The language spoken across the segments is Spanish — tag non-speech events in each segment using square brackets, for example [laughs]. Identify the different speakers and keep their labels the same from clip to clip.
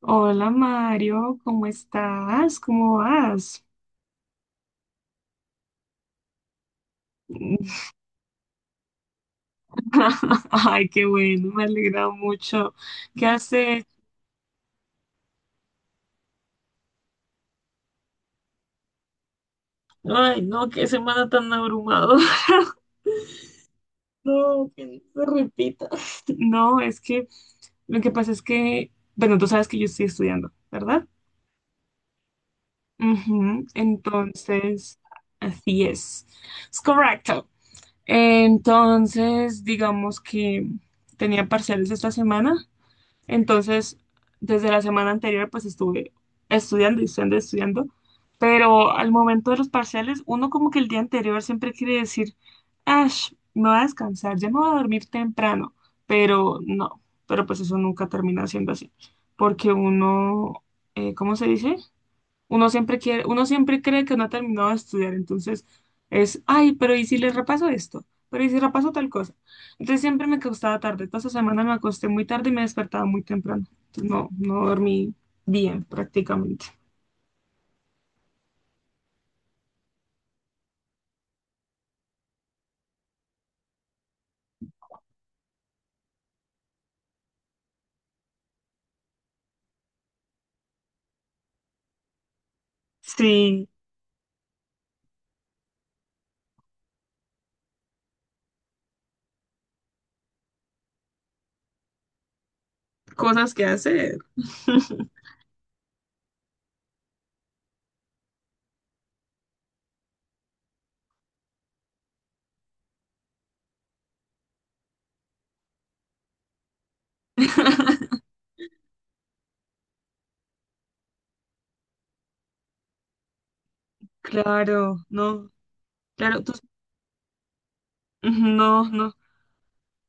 Speaker 1: Hola Mario, ¿cómo estás? ¿Cómo vas? [laughs] Ay, qué bueno, me alegra mucho. ¿Qué hace? Ay, no, qué semana tan abrumadora. [laughs] No, que no se repita. No, es que lo que pasa es que, bueno, tú sabes que yo estoy estudiando, ¿verdad? Ujú. Entonces, así es. Es correcto. Entonces, digamos que tenía parciales esta semana. Entonces, desde la semana anterior, pues estuve estudiando y estudiando, pero al momento de los parciales, uno como que el día anterior siempre quiere decir, ash, me voy a descansar, ya me voy a dormir temprano, pero no, pero pues eso nunca termina siendo así, porque uno, ¿cómo se dice? Uno siempre cree que no ha terminado de estudiar, entonces es, ay, pero ¿y si les repaso esto? Pero ¿y si repaso tal cosa? Entonces siempre me acostaba tarde. Toda esa semana me acosté muy tarde y me despertaba muy temprano. Entonces, no, no dormí bien prácticamente. Sí, cosas que hacer. [laughs] Claro, no, claro, tú, no, no.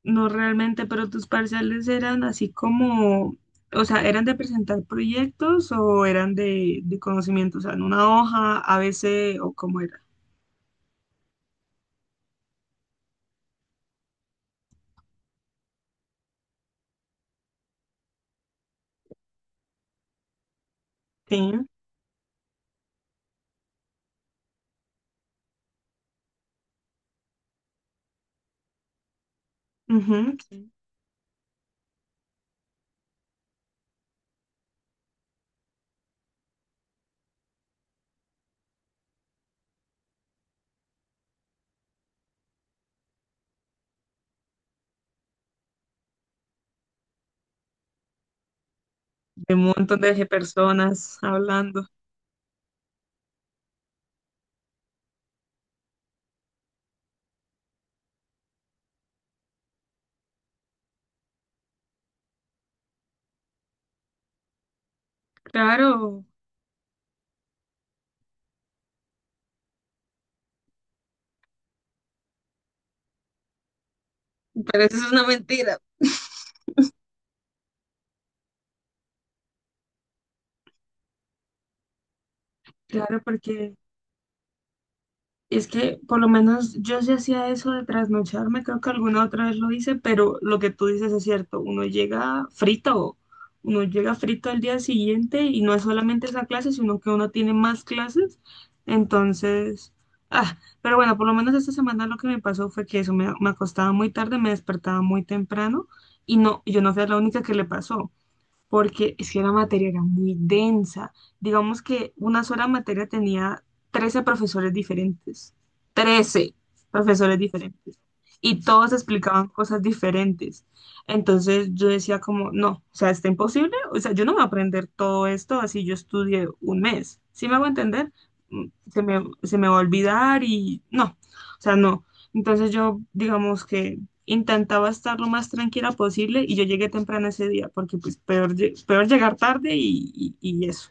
Speaker 1: No realmente, pero tus parciales eran así como, o sea, ¿eran de presentar proyectos o eran de conocimiento? O sea, en una hoja, a ABC o cómo era. Sí, ujú, sí. De un montón de personas hablando. Claro. Pero eso es una mentira. Claro, porque y es que por lo menos yo sí hacía eso de trasnocharme, creo que alguna otra vez lo hice, pero lo que tú dices es cierto, uno llega frito al día siguiente y no es solamente esa clase, sino que uno tiene más clases, entonces, ah, pero bueno, por lo menos esta semana lo que me pasó fue que eso me acostaba muy tarde, me despertaba muy temprano y no, yo no fui la única que le pasó porque es que la materia era muy densa. Digamos que una sola materia tenía 13 profesores diferentes. 13 profesores diferentes. Y todos explicaban cosas diferentes. Entonces yo decía como, no, o sea, está imposible. O sea, yo no voy a aprender todo esto así yo estudié un mes. ¿Sí me hago entender? Mm. Se me va a olvidar y no, o sea, no. Entonces yo, digamos que intentaba estar lo más tranquila posible y yo llegué temprano ese día, porque pues peor, peor llegar tarde y eso.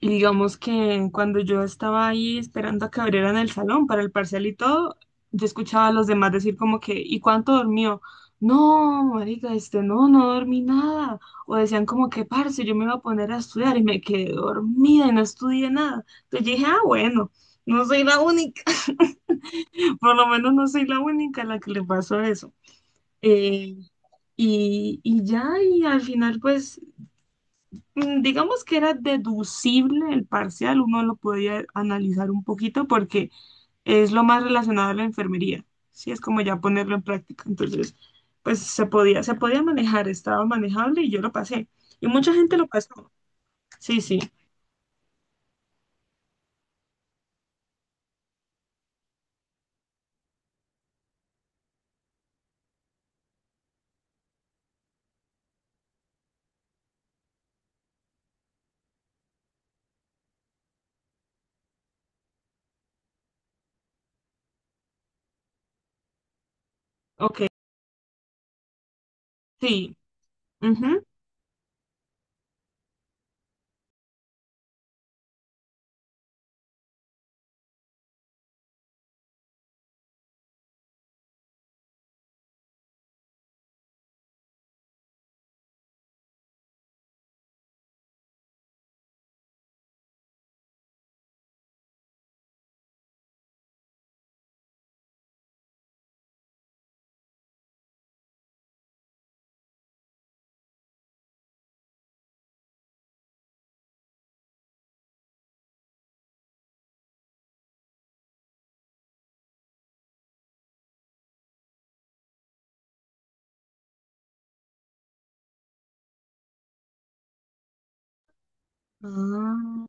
Speaker 1: Y digamos que cuando yo estaba ahí esperando a que abrieran el salón para el parcial y todo, yo escuchaba a los demás decir como que, ¿y cuánto dormió? No, marica, este, no, no dormí nada. O decían como que, parce, yo me iba a poner a estudiar y me quedé dormida y no estudié nada. Entonces yo dije, ah, bueno, no soy la única, [laughs] por lo menos no soy la única a la que le pasó eso. Eh, y ya, y al final, pues, mm, digamos que era deducible el parcial, uno lo podía analizar un poquito porque es lo más relacionado a la enfermería, sí, es como ya ponerlo en práctica. Entonces, pues se podía manejar, estaba manejable y yo lo pasé. Y mucha gente lo pasó. Sí, sí, ok, sí. Ujú. Ah,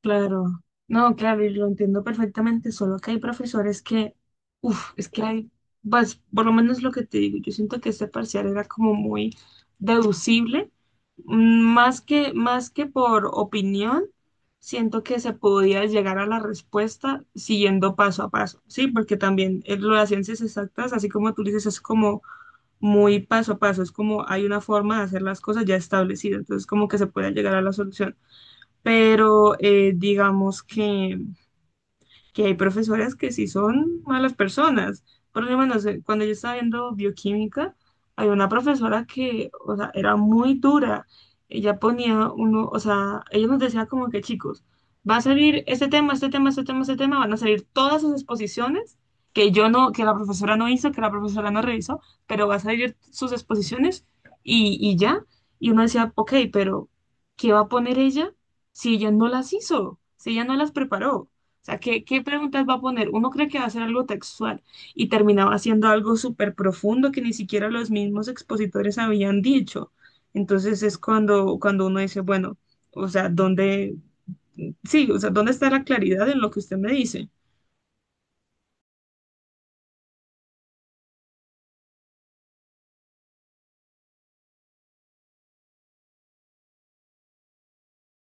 Speaker 1: claro, no, claro, y lo entiendo perfectamente, solo que hay profesores que, uff, es que hay, pues, por lo menos lo que te digo, yo siento que este parcial era como muy deducible, mm, más que por opinión, siento que se podía llegar a la respuesta siguiendo paso a paso, ¿sí? Porque también lo de las ciencias exactas, así como tú dices, es como muy paso a paso, es como hay una forma de hacer las cosas ya establecida, entonces como que se puede llegar a la solución, pero digamos que hay profesoras que sí son malas personas. Por lo menos cuando yo estaba viendo bioquímica, hay una profesora que, o sea, era muy dura. Ella ponía uno, o sea, ella nos decía como que, chicos, va a salir este tema, este tema, este tema, este tema, van a salir todas sus exposiciones que yo no, que la profesora no hizo, que la profesora no revisó, pero va a salir sus exposiciones y ya. Y uno decía, ok, pero ¿qué va a poner ella si ella no las hizo? Si ella no las preparó. O sea, ¿qué, qué preguntas va a poner? Uno cree que va a ser algo textual y terminaba haciendo algo súper profundo que ni siquiera los mismos expositores habían dicho. Entonces es cuando uno dice, bueno, o sea, ¿dónde, sí, o sea, ¿dónde está la claridad en lo que usted me dice?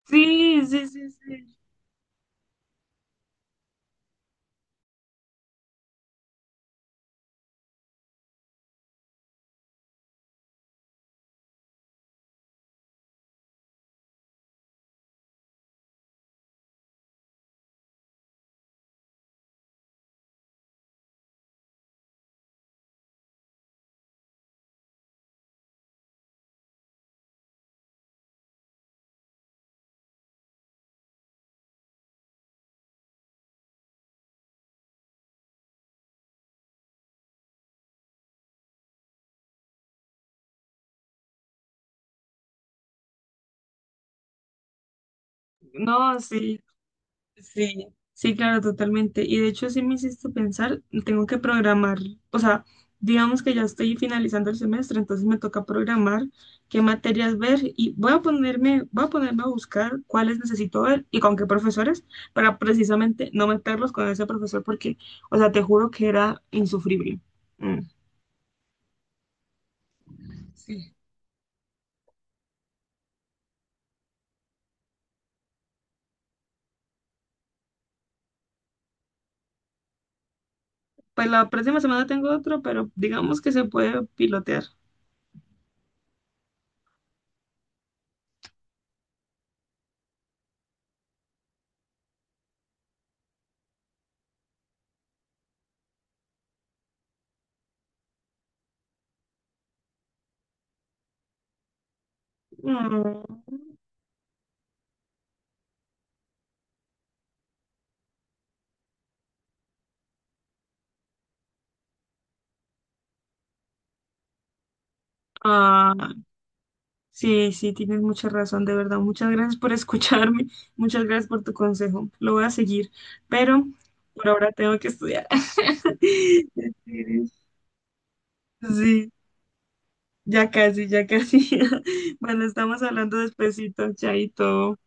Speaker 1: Sí, sí, sí, sí. No, sí. Sí, sí, claro, totalmente. Y de hecho, sí me hiciste pensar, tengo que programar, o sea, digamos que ya estoy finalizando el semestre, entonces me toca programar qué materias ver y voy a ponerme a buscar cuáles necesito ver y con qué profesores para precisamente no meterlos con ese profesor porque, o sea, te juro que era insufrible. Mm. Sí. Pues la próxima semana tengo otro, pero digamos que se puede pilotear. Mm. Ah, sí, sí, tienes mucha razón, de verdad. Muchas gracias por [laughs] escucharme, muchas gracias por tu consejo. Lo voy a seguir, pero por ahora tengo que estudiar. [laughs] Sí, ya casi, ya casi. [laughs] Bueno, estamos hablando despacito, chaito.